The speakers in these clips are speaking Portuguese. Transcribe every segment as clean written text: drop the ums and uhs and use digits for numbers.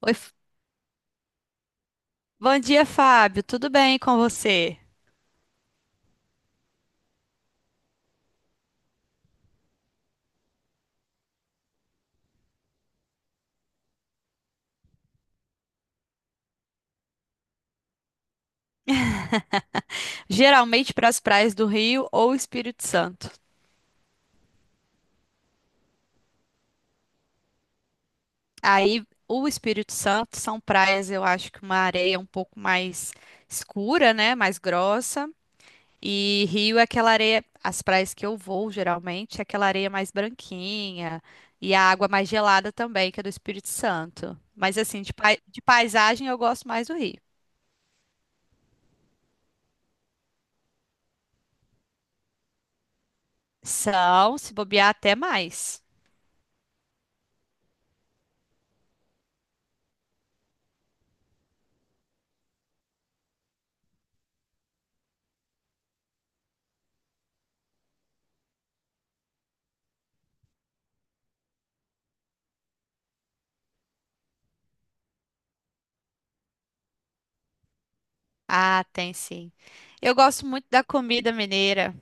Oi, bom dia, Fábio. Tudo bem com você? Geralmente para as praias do Rio ou Espírito Santo. Aí, o Espírito Santo são praias, eu acho que uma areia um pouco mais escura, né? Mais grossa. E Rio é aquela areia, as praias que eu vou geralmente, é aquela areia mais branquinha e a água mais gelada também, que é do Espírito Santo. Mas assim, de paisagem eu gosto mais do Rio. São, se bobear, até mais. Ah, tem sim. Eu gosto muito da comida mineira.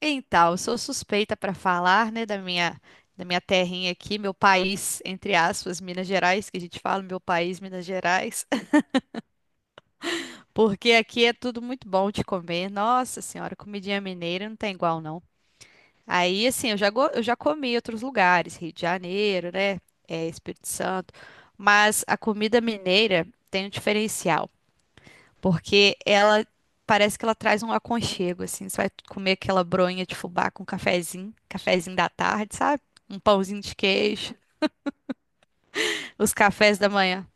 Então, eu sou suspeita para falar, né, da minha terrinha aqui, meu país, entre aspas, Minas Gerais, que a gente fala, meu país, Minas Gerais, porque aqui é tudo muito bom de comer. Nossa Senhora, comidinha mineira não tem igual não. Aí, assim, eu já comi em outros lugares, Rio de Janeiro, né, é, Espírito Santo, mas a comida mineira tem um diferencial. Porque ela parece que ela traz um aconchego, assim. Você vai comer aquela bronha de fubá com cafezinho, cafezinho da tarde, sabe? Um pãozinho de queijo, os cafés da manhã.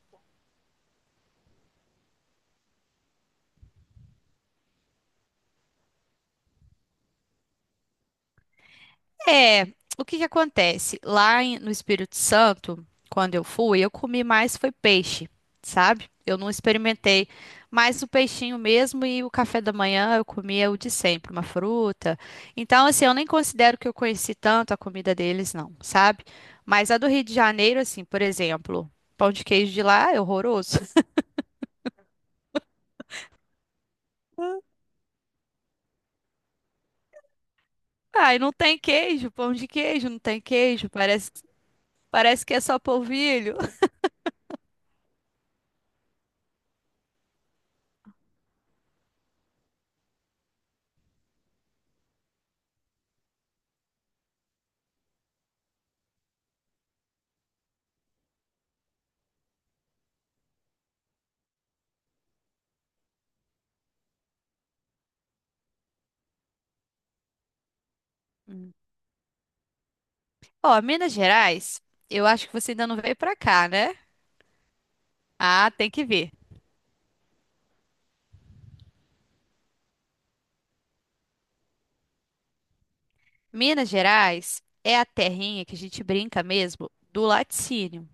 É, o que que acontece? No Espírito Santo, quando eu fui, eu comi mais foi peixe, sabe? Eu não experimentei mais o peixinho mesmo e o café da manhã eu comia o de sempre, uma fruta. Então, assim, eu nem considero que eu conheci tanto a comida deles, não, sabe? Mas a do Rio de Janeiro, assim, por exemplo, pão de queijo de lá é horroroso. Ai, não tem queijo, pão de queijo, não tem queijo, parece, parece que é só polvilho. Ó, Minas Gerais, eu acho que você ainda não veio pra cá, né? Ah, tem que ver. Minas Gerais é a terrinha que a gente brinca mesmo do laticínio.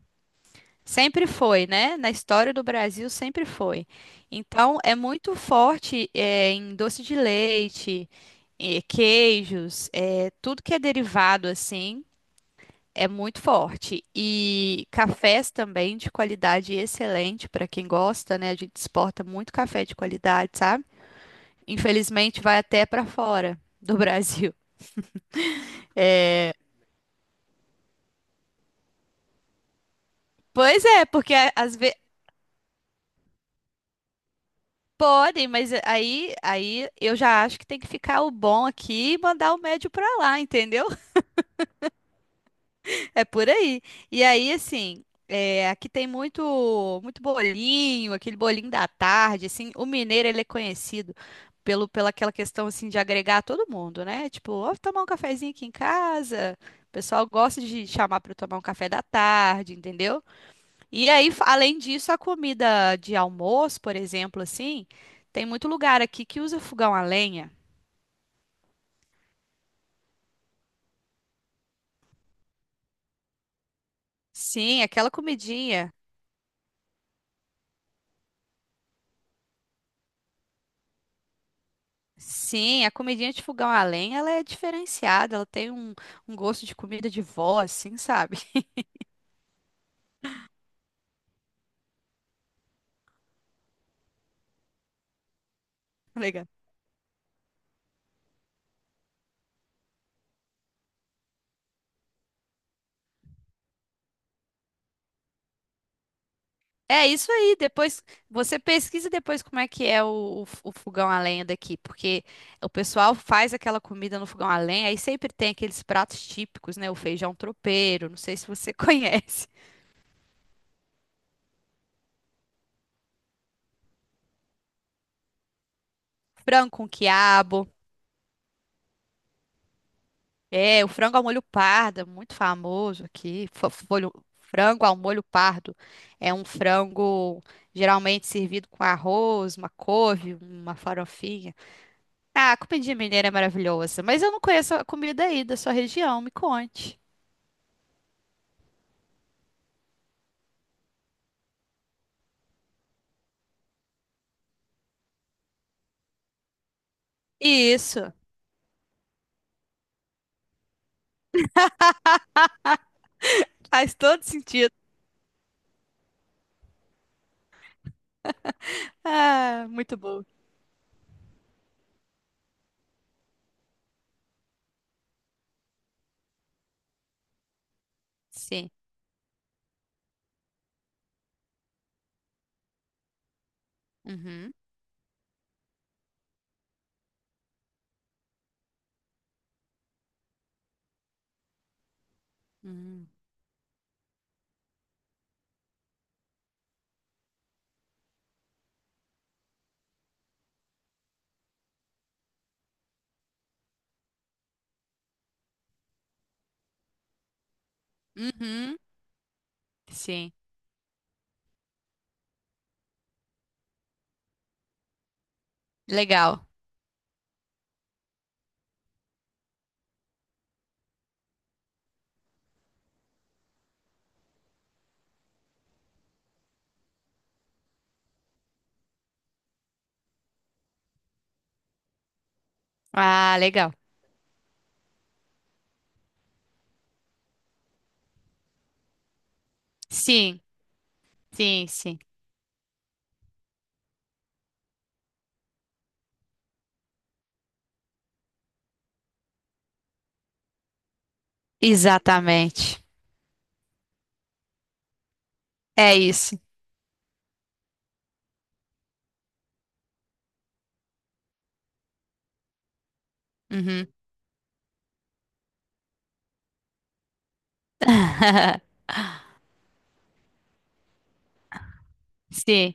Sempre foi, né? Na história do Brasil sempre foi. Então é muito forte é, em doce de leite, queijos, é, tudo que é derivado assim é muito forte. E cafés também de qualidade excelente para quem gosta, né? A gente exporta muito café de qualidade, sabe? Infelizmente, vai até para fora do Brasil. Pois é, porque às vezes podem, mas aí eu já acho que tem que ficar o bom aqui e mandar o médio para lá, entendeu? É por aí. E aí, assim, é, aqui tem muito, muito bolinho, aquele bolinho da tarde, assim. O mineiro ele é conhecido pelo pela aquela questão assim de agregar todo mundo, né? Tipo, ó, vou tomar um cafezinho aqui em casa. O pessoal gosta de chamar para tomar um café da tarde, entendeu? E aí, além disso, a comida de almoço, por exemplo, assim, tem muito lugar aqui que usa fogão a lenha. Sim, aquela comidinha. Sim, a comidinha de fogão a lenha, ela é diferenciada, ela tem um, um gosto de comida de vó, assim, sabe? Legal. É isso aí, depois você pesquisa depois como é que é o fogão a lenha daqui, porque o pessoal faz aquela comida no fogão a lenha, aí sempre tem aqueles pratos típicos, né? O feijão tropeiro, não sei se você conhece, frango com quiabo. É, o frango ao molho pardo, é muito famoso aqui. Frango ao molho pardo é um frango geralmente servido com arroz, uma couve, uma farofinha. Ah, a comidinha mineira é maravilhosa, mas eu não conheço a comida aí da sua região, me conte. Isso, faz todo sentido. Ah, muito bom. Sim. Uhum. Uhum. Uhum. Sim. Legal. Ah, legal. Sim, sim, sim. Exatamente. É isso. Uhum. Sim,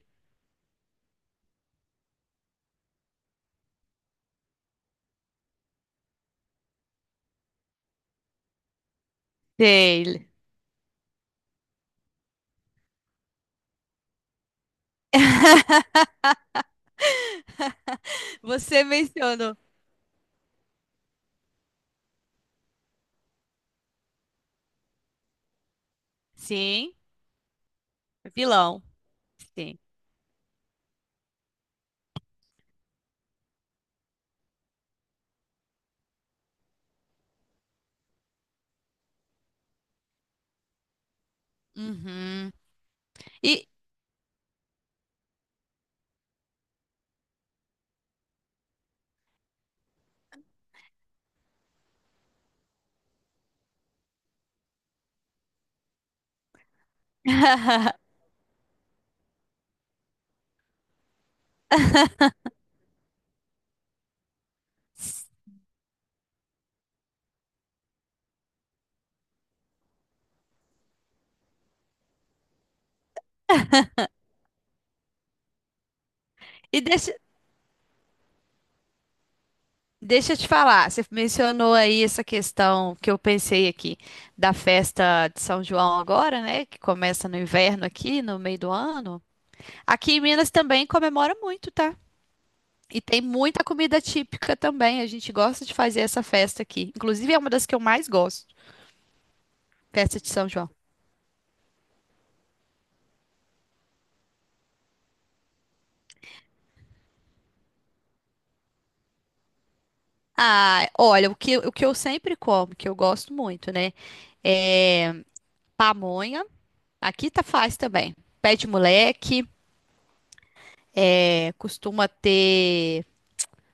sei. Você mencionou. Sim, vilão. Sim. Uhum. E, e deixa eu te falar, você mencionou aí essa questão que eu pensei aqui da festa de São João agora, né? Que começa no inverno aqui, no meio do ano. Aqui em Minas também comemora muito, tá? E tem muita comida típica também. A gente gosta de fazer essa festa aqui. Inclusive, é uma das que eu mais gosto, festa de São João. Ah, olha, o que eu sempre como, que eu gosto muito, né? É pamonha. Aqui tá faz também. Pé de moleque, é, costuma ter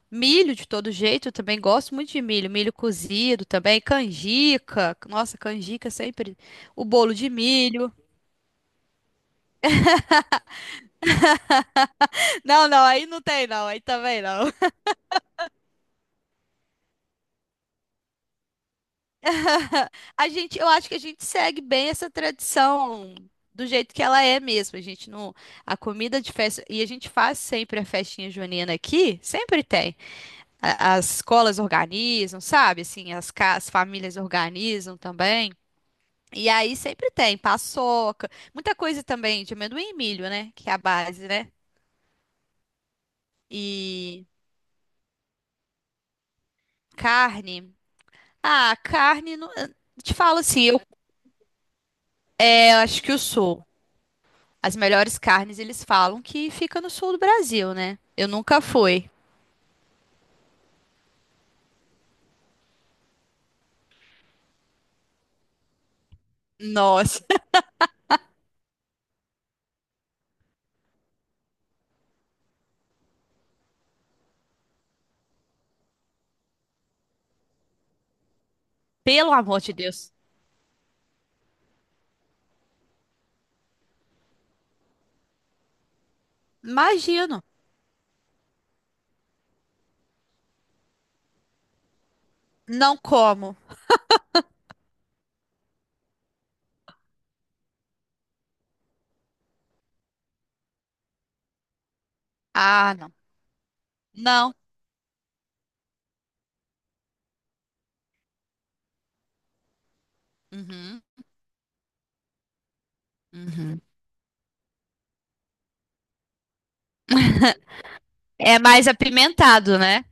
milho de todo jeito, eu também gosto muito de milho, milho cozido também, canjica. Nossa, canjica é sempre o bolo de milho. Não, aí não tem não, aí também não. A gente, eu acho que a gente segue bem essa tradição do jeito que ela é mesmo. A gente não, a comida de festa e a gente faz sempre a festinha junina aqui, sempre tem. As escolas organizam, sabe? Assim, as famílias organizam também. E aí sempre tem paçoca, muita coisa também de amendoim e milho, né? Que é a base, né? E carne. Ah, carne, eu te falo assim, eu acho que eu sou. As melhores carnes, eles falam que fica no sul do Brasil, né? Eu nunca fui. Nossa, pelo amor de Deus. Imagino. Não como. Ah, não. Não. Uhum, uhum. É mais apimentado, né?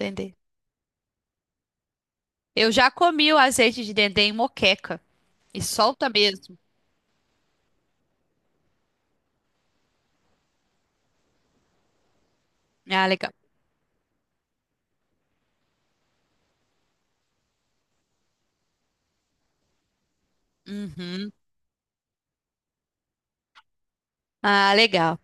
Dendê. Eu já comi o azeite de dendê em moqueca. E solta mesmo. Ah, legal. Uhum. Ah, legal.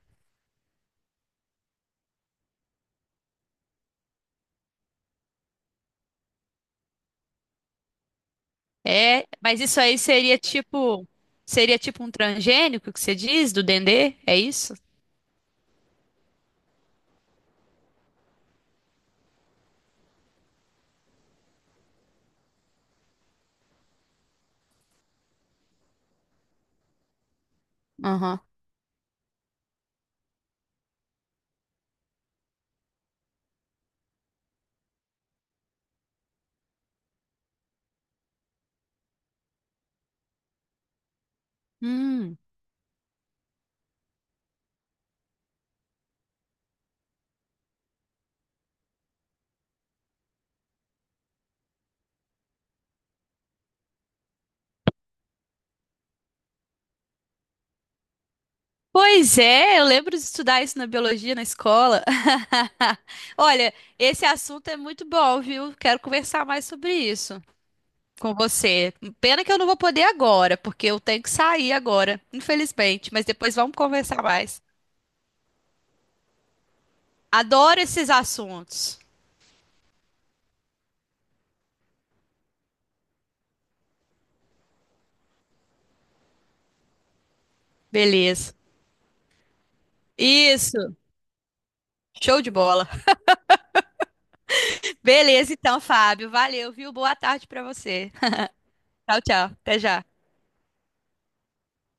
É, mas isso aí seria tipo, seria tipo um transgênico que você diz do dendê? É isso? Aham. Hum. Pois é, eu lembro de estudar isso na biologia na escola. Olha, esse assunto é muito bom, viu? Quero conversar mais sobre isso com você. Pena que eu não vou poder agora, porque eu tenho que sair agora, infelizmente, mas depois vamos conversar mais. Adoro esses assuntos. Beleza. Isso. Show de bola. Beleza, então, Fábio. Valeu, viu? Boa tarde pra você. Tchau, tchau. Até já.